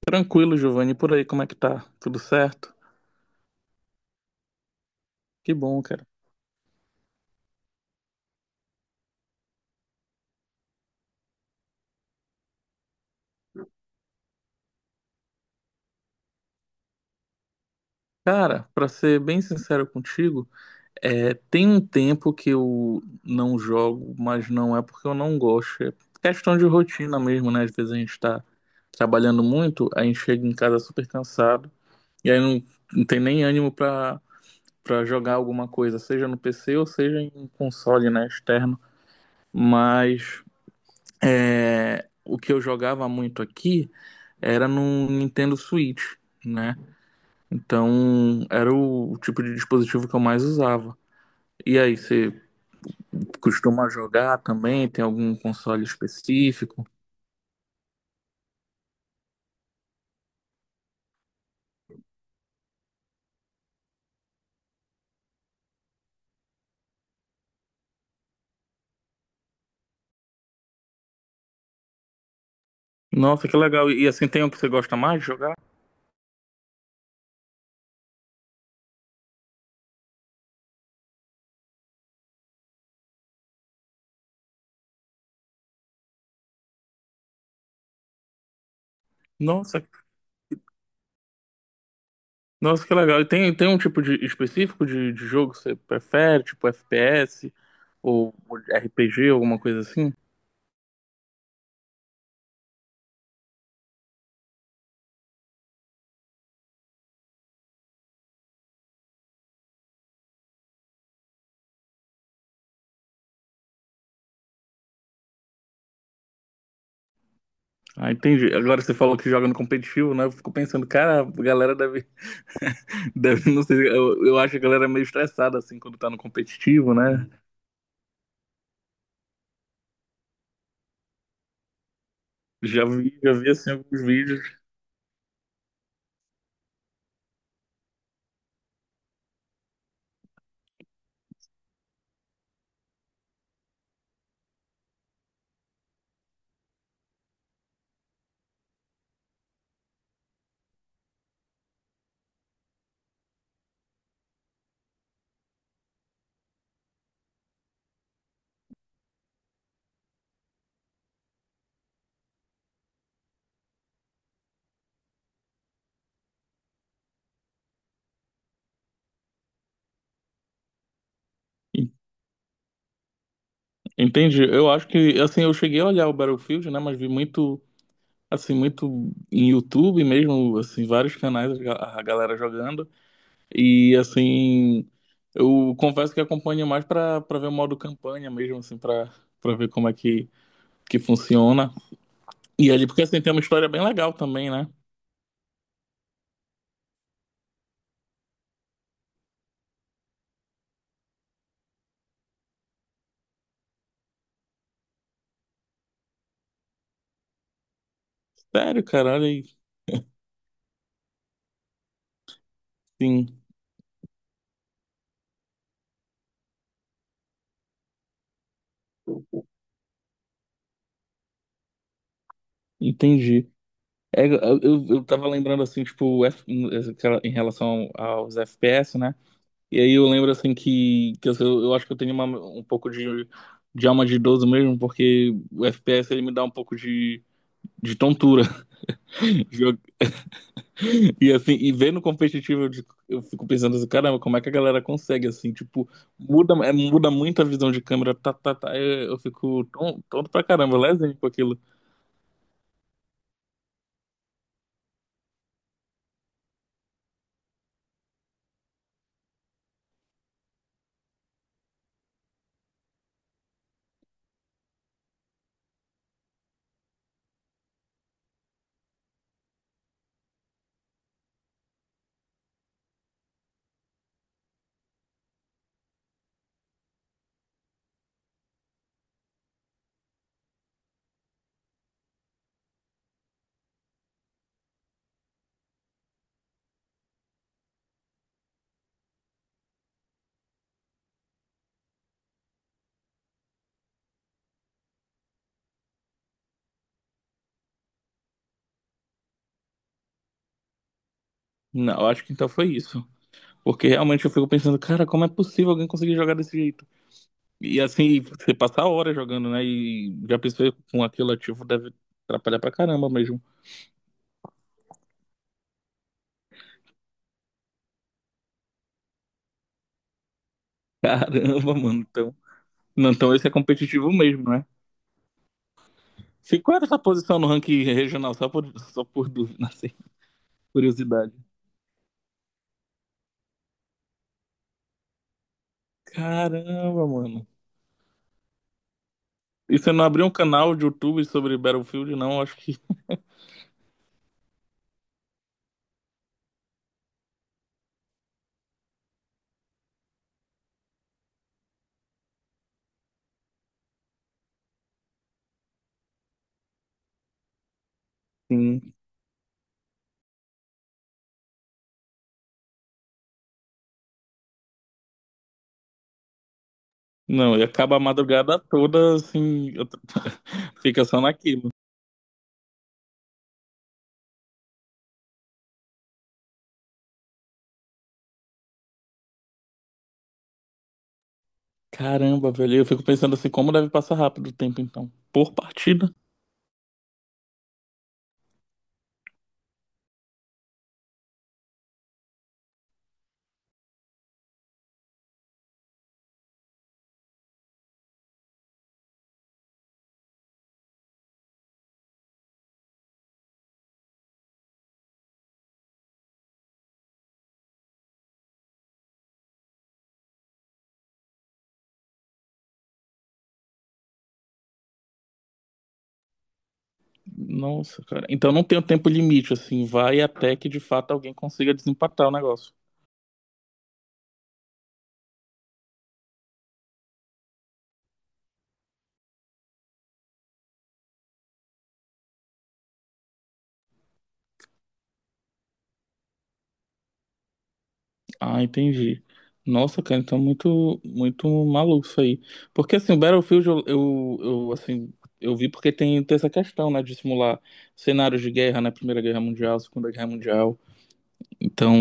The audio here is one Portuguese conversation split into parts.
Tranquilo, Giovanni. Por aí, como é que tá? Tudo certo? Que bom, cara. Cara, pra ser bem sincero contigo, tem um tempo que eu não jogo, mas não é porque eu não gosto. É questão de rotina mesmo, né? Às vezes a gente tá trabalhando muito, a gente chega em casa super cansado, e aí não, não tem nem ânimo pra jogar alguma coisa, seja no PC ou seja em console, né, externo. Mas o que eu jogava muito aqui era no Nintendo Switch, né? Então era o tipo de dispositivo que eu mais usava. E aí, você costuma jogar também? Tem algum console específico? Nossa, que legal. E assim, tem um que você gosta mais de jogar? Nossa, nossa, que legal. E tem um tipo de específico de jogo que você prefere, tipo FPS ou RPG, alguma coisa assim? Ah, entendi. Agora você falou que joga no competitivo, né? Eu fico pensando, cara, a galera deve deve, não sei, eu acho que a galera é meio estressada, assim, quando tá no competitivo, né? Já vi, assim, alguns vídeos. Entendi. Eu acho que, assim, eu cheguei a olhar o Battlefield, né? Mas vi muito, assim, muito em YouTube mesmo, assim, vários canais, a galera jogando. E, assim, eu confesso que acompanho mais pra ver o modo campanha mesmo, assim, pra ver como é que funciona. E ali, porque, assim, tem uma história bem legal também, né? Sério, cara, olha aí. Sim, entendi. É, eu tava lembrando assim, tipo, em relação aos FPS, né? E aí eu lembro assim eu acho que eu tenho um pouco de alma de idoso mesmo, porque o FPS ele me dá um pouco de tontura. Jo- E assim, e vendo competitivo, eu fico pensando assim, caramba, como é que a galera consegue assim, tipo, muda muito a visão de câmera, eu fico tonto pra caramba, lesinho com aquilo. Não, eu acho que então foi isso. Porque realmente eu fico pensando, cara, como é possível alguém conseguir jogar desse jeito? E assim, você passar horas jogando, né? E já pensei com aquilo ativo deve atrapalhar pra caramba mesmo. Caramba, mano. Então, não, então esse é competitivo mesmo, né? Se qual era essa posição no ranking regional? Só só por dúvida, assim, curiosidade. Caramba, mano. E você não abriu um canal de YouTube sobre Battlefield, não? Acho que sim. Não, e acaba a madrugada toda, assim, fica só naquilo. Caramba, velho. Eu fico pensando assim, como deve passar rápido o tempo, então. Por partida? Nossa, cara. Então não tem o tempo limite, assim. Vai até que de fato alguém consiga desempatar o negócio. Ah, entendi. Nossa, cara, então muito, muito maluco isso aí. Porque assim, o Battlefield assim, eu vi porque tem essa questão, né, de simular cenários de guerra, né? Primeira Guerra Mundial, Segunda Guerra Mundial. Então,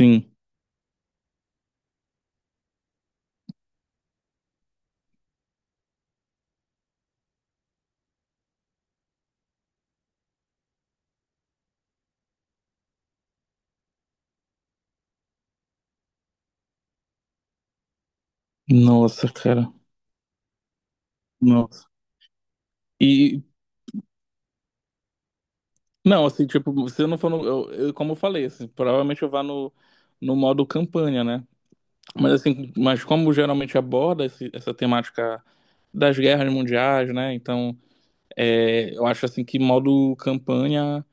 sim. Nossa, cara. Nossa. E Não, assim, tipo, se eu não for no. Como eu falei, assim, provavelmente eu vá no modo campanha, né? Mas assim, mas como geralmente aborda essa temática das guerras mundiais, né? Então, é, eu acho assim que modo campanha.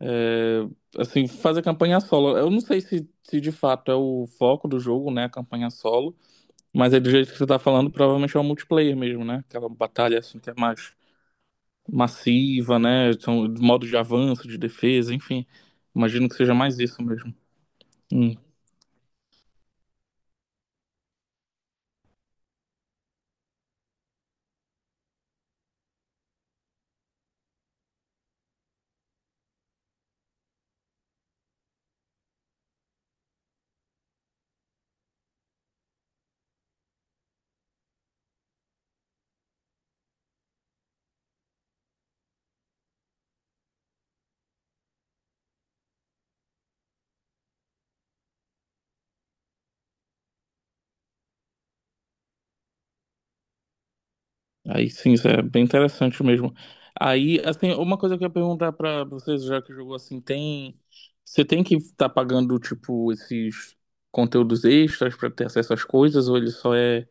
É, assim, fazer campanha solo. Eu não sei se de fato é o foco do jogo, né? A campanha solo. Mas é do jeito que você tá falando, provavelmente é o multiplayer mesmo, né? Aquela batalha assim que é mais massiva, né? São modo de avanço, de defesa, enfim. Imagino que seja mais isso mesmo. Hum, Aí sim, isso é bem interessante mesmo. Aí, assim, uma coisa que eu ia perguntar pra vocês, já que jogou assim, tem. Você tem que estar pagando, tipo, esses conteúdos extras pra ter acesso às coisas, ou ele só é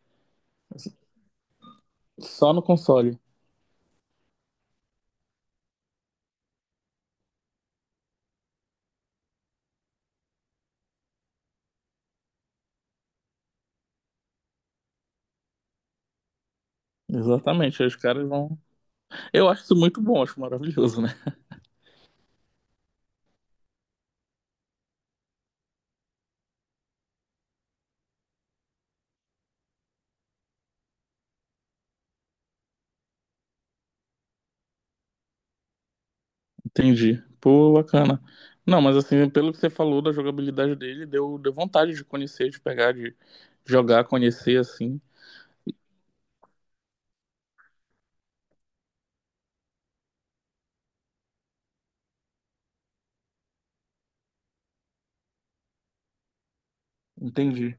só no console? Exatamente, aí os caras vão. Eu acho isso muito bom, acho maravilhoso, né? Entendi. Pô, bacana. Não, mas assim, pelo que você falou da jogabilidade dele, deu vontade de conhecer, de pegar, de jogar, conhecer, assim. Entendi,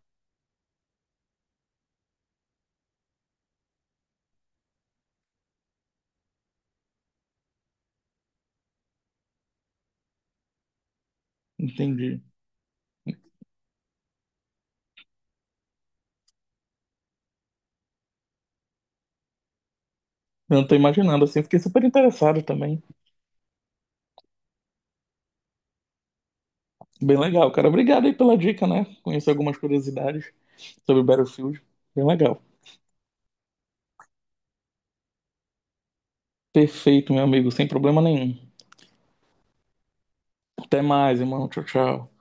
entendi. Não tô imaginando, assim, fiquei super interessado também. Bem legal, cara. Obrigado aí pela dica, né? Conheci algumas curiosidades sobre Battlefield. Bem legal. Perfeito, meu amigo, sem problema nenhum. Até mais, irmão. Tchau, tchau.